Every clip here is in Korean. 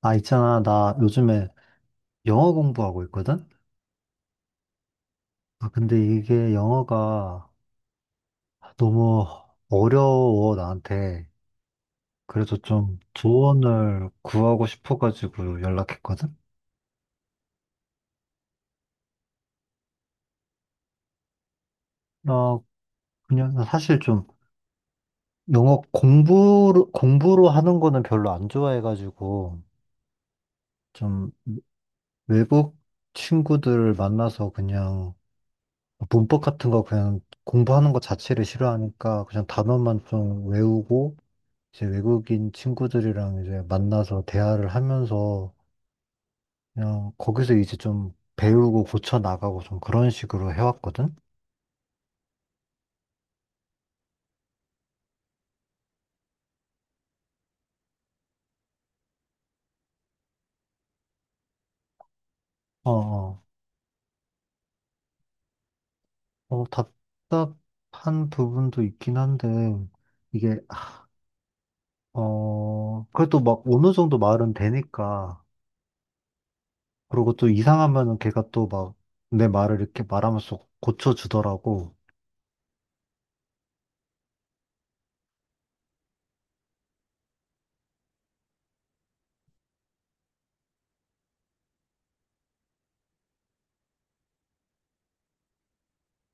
아, 있잖아. 나 요즘에 영어 공부하고 있거든? 아, 근데 이게 영어가 너무 어려워, 나한테. 그래서 좀 조언을 구하고 싶어가지고 연락했거든? 나 나 사실 좀 영어 공부로 하는 거는 별로 안 좋아해가지고 좀 외국 친구들 만나서 그냥 문법 같은 거 그냥 공부하는 것 자체를 싫어하니까 그냥 단어만 좀 외우고 이제 외국인 친구들이랑 이제 만나서 대화를 하면서 그냥 거기서 이제 좀 배우고 고쳐 나가고 좀 그런 식으로 해왔거든? 어, 어, 어, 답답한 부분도 있긴 한데 이게, 그래도 막 어느 정도 말은 되니까 그리고 또 이상하면은 걔가 또 막 내 말을 이렇게 말하면서 고쳐주더라고.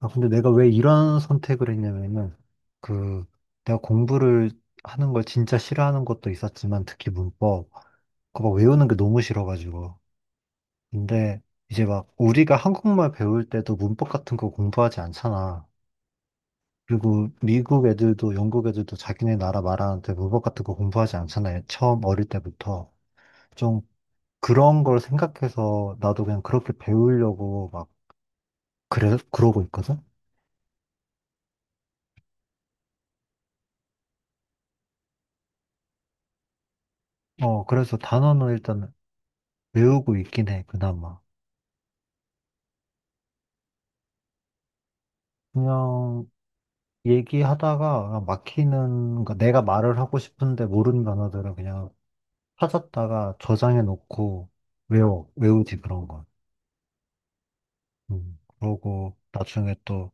아, 근데 내가 왜 이런 선택을 했냐면은, 그, 내가 공부를 하는 걸 진짜 싫어하는 것도 있었지만, 특히 문법, 그거 막 외우는 게 너무 싫어가지고. 근데 이제 막 우리가 한국말 배울 때도 문법 같은 거 공부하지 않잖아. 그리고 미국 애들도 영국 애들도 자기네 나라 말하는데 문법 같은 거 공부하지 않잖아요. 처음 어릴 때부터. 좀 그런 걸 생각해서 나도 그냥 그렇게 배우려고 막, 그래, 그러고 있거든? 어, 그래서 단어는 일단 외우고 있긴 해, 그나마. 그냥 얘기하다가 그냥 막히는, 거, 내가 말을 하고 싶은데 모르는 단어들은 그냥 찾았다가 저장해 놓고 외워, 외우지 그런 건. 그러고 나중에 또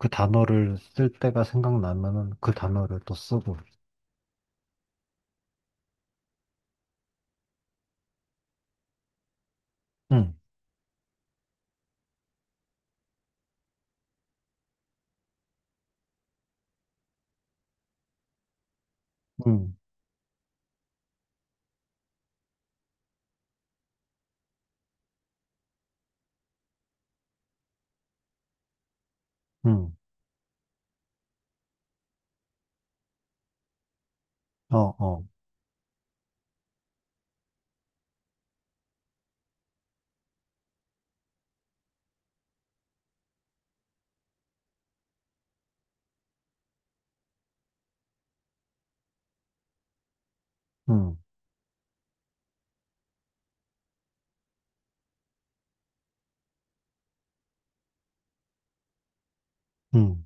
그 단어를 쓸 때가 생각나면은 그 단어를 또 쓰고. 응, 응, 응, 어, 어, 응, 응.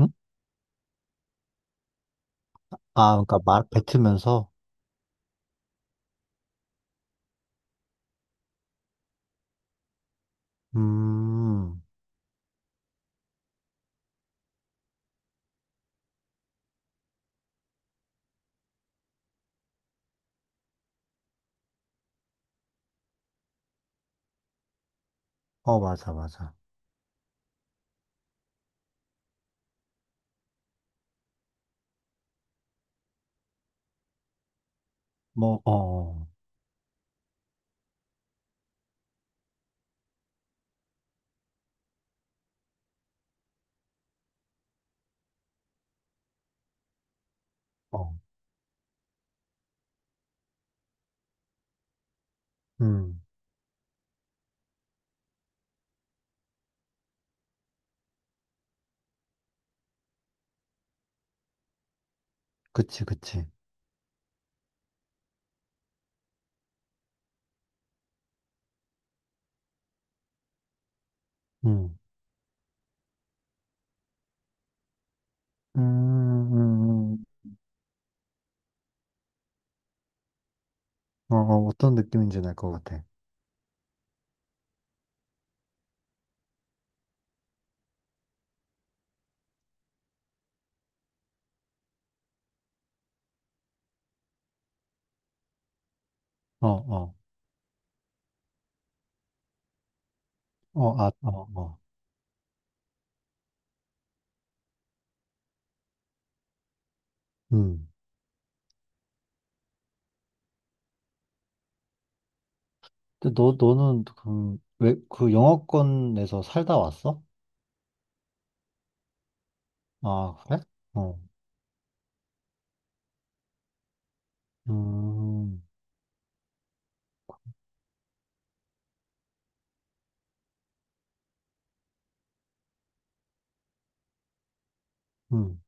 응? 아, 그러니까 말 뱉으면서, 음, 어, 맞아, 맞아. 뭐, 어, 어, 어, 음, 그치, 그치. 음, 음, 음, 음. 어, 어, 어떤 느낌인지 알 것 같아. 어, 어, 어, 아, 어, 어. 음. 근데 너는 그, 왜, 그 영어권에서 살다 왔어? 아, 그래? 어, 음, 음,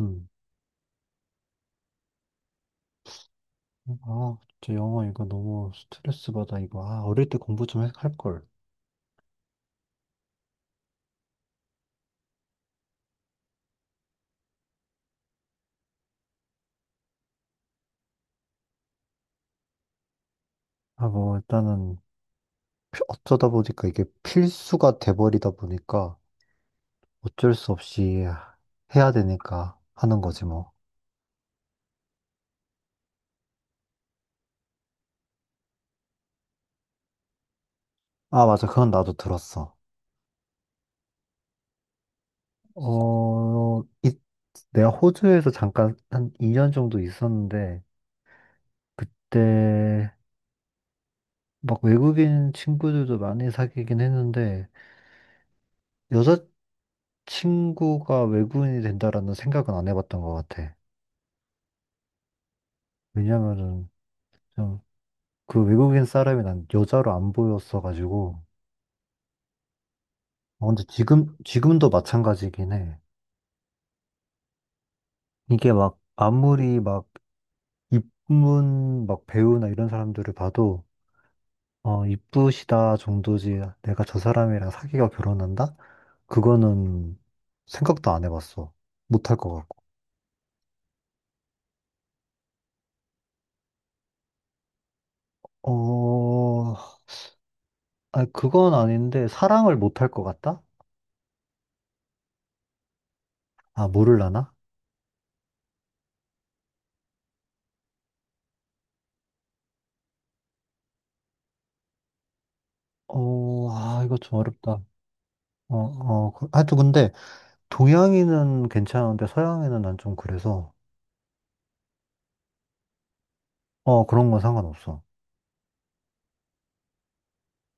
음. 아, 진짜 영어 이거 너무 스트레스 받아, 이거. 아, 어릴 때 공부 좀 할걸. 아, 뭐, 일단은 어쩌다 보니까 이게 필수가 돼버리다 보니까 어쩔 수 없이 해야 되니까 하는 거지, 뭐. 아, 맞아. 그건 나도 들었어. 어, 내가 호주에서 잠깐 한 2년 정도 있었는데, 그때 막 외국인 친구들도 많이 사귀긴 했는데, 여자친구가 외국인이 된다라는 생각은 안 해봤던 것 같아. 왜냐면은 좀 그 외국인 사람이 난 여자로 안 보였어가지고. 어, 근데 지금도 마찬가지긴 해. 이게 막 아무리 막 입문 막 배우나 이런 사람들을 봐도 어, 이쁘시다 정도지. 내가 저 사람이랑 사귀어 결혼한다? 그거는 생각도 안 해봤어. 못할 것 같고. 어, 아, 그건 아닌데, 사랑을 못할 것 같다? 아, 모를라나? 어, 아, 이거 좀 어렵다. 어, 어, 하여튼 근데, 동양인은 괜찮은데, 서양인은 난 좀 그래서, 어, 그런 건 상관없어.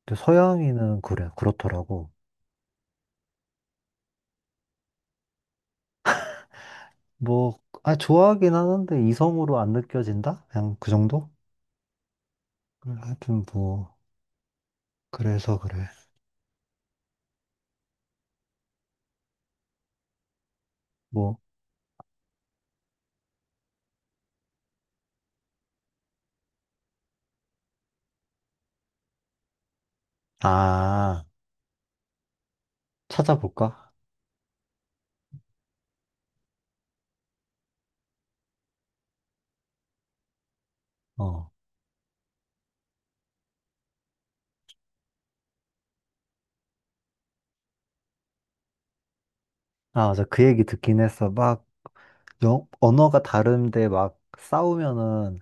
근데 서양인은 그래, 그렇더라고. 뭐, 아, 좋아하긴 하는데, 이성으로 안 느껴진다? 그냥 그 정도? 하여튼 뭐. 그래서 그래. 뭐, 아, 찾아볼까? 어. 아, 맞아. 그 얘기 듣긴 했어. 막, 영, 언어가 다른데 막 싸우면은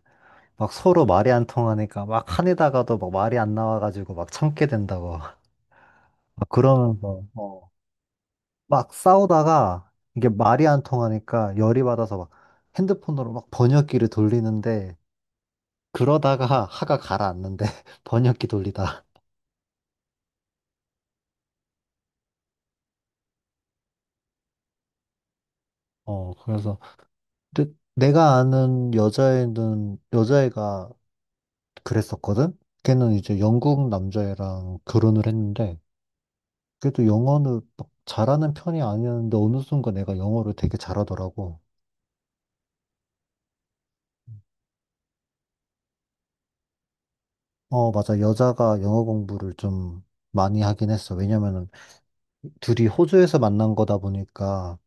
막 서로 말이 안 통하니까 막 화내다가도 막 말이 안 나와가지고 막 참게 된다고. 막 그러면서, 어. 막 싸우다가 이게 말이 안 통하니까 열이 받아서 막 핸드폰으로 막 번역기를 돌리는데 그러다가 화가 가라앉는데 번역기 돌리다. 어, 그래서 근데 내가 아는 여자애는, 여자애가 그랬었거든? 걔는 이제 영국 남자애랑 결혼을 했는데, 그래도 영어는 막 잘하는 편이 아니었는데, 어느 순간 내가 영어를 되게 잘하더라고. 어, 맞아. 여자가 영어 공부를 좀 많이 하긴 했어. 왜냐면은 둘이 호주에서 만난 거다 보니까,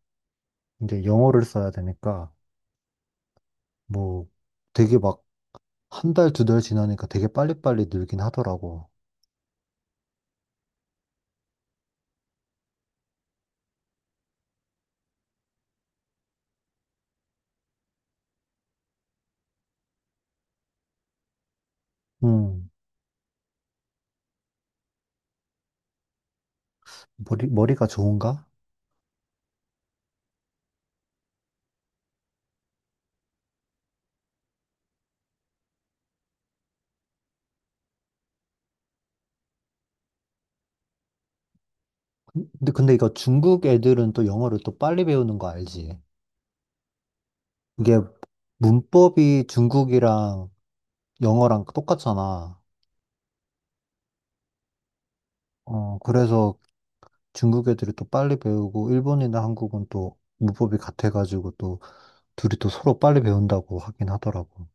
이제 영어를 써야 되니까, 뭐, 되게 막 한 달, 두 달 지나니까 되게 빨리빨리 늘긴 하더라고. 음, 머리가 좋은가? 근데 이거 중국 애들은 또 영어를 또 빨리 배우는 거 알지? 이게 문법이 중국이랑 영어랑 똑같잖아. 어, 그래서 중국 애들이 또 빨리 배우고 일본이나 한국은 또 문법이 같아가지고 또 둘이 또 서로 빨리 배운다고 하긴 하더라고.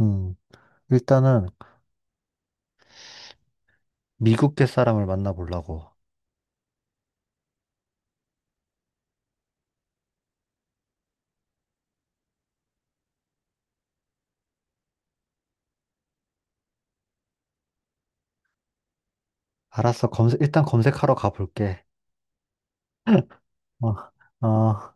음, 일단은 미국계 사람을 만나보려고. 알았어, 검색, 일단 검색하러 가볼게. 어, 어.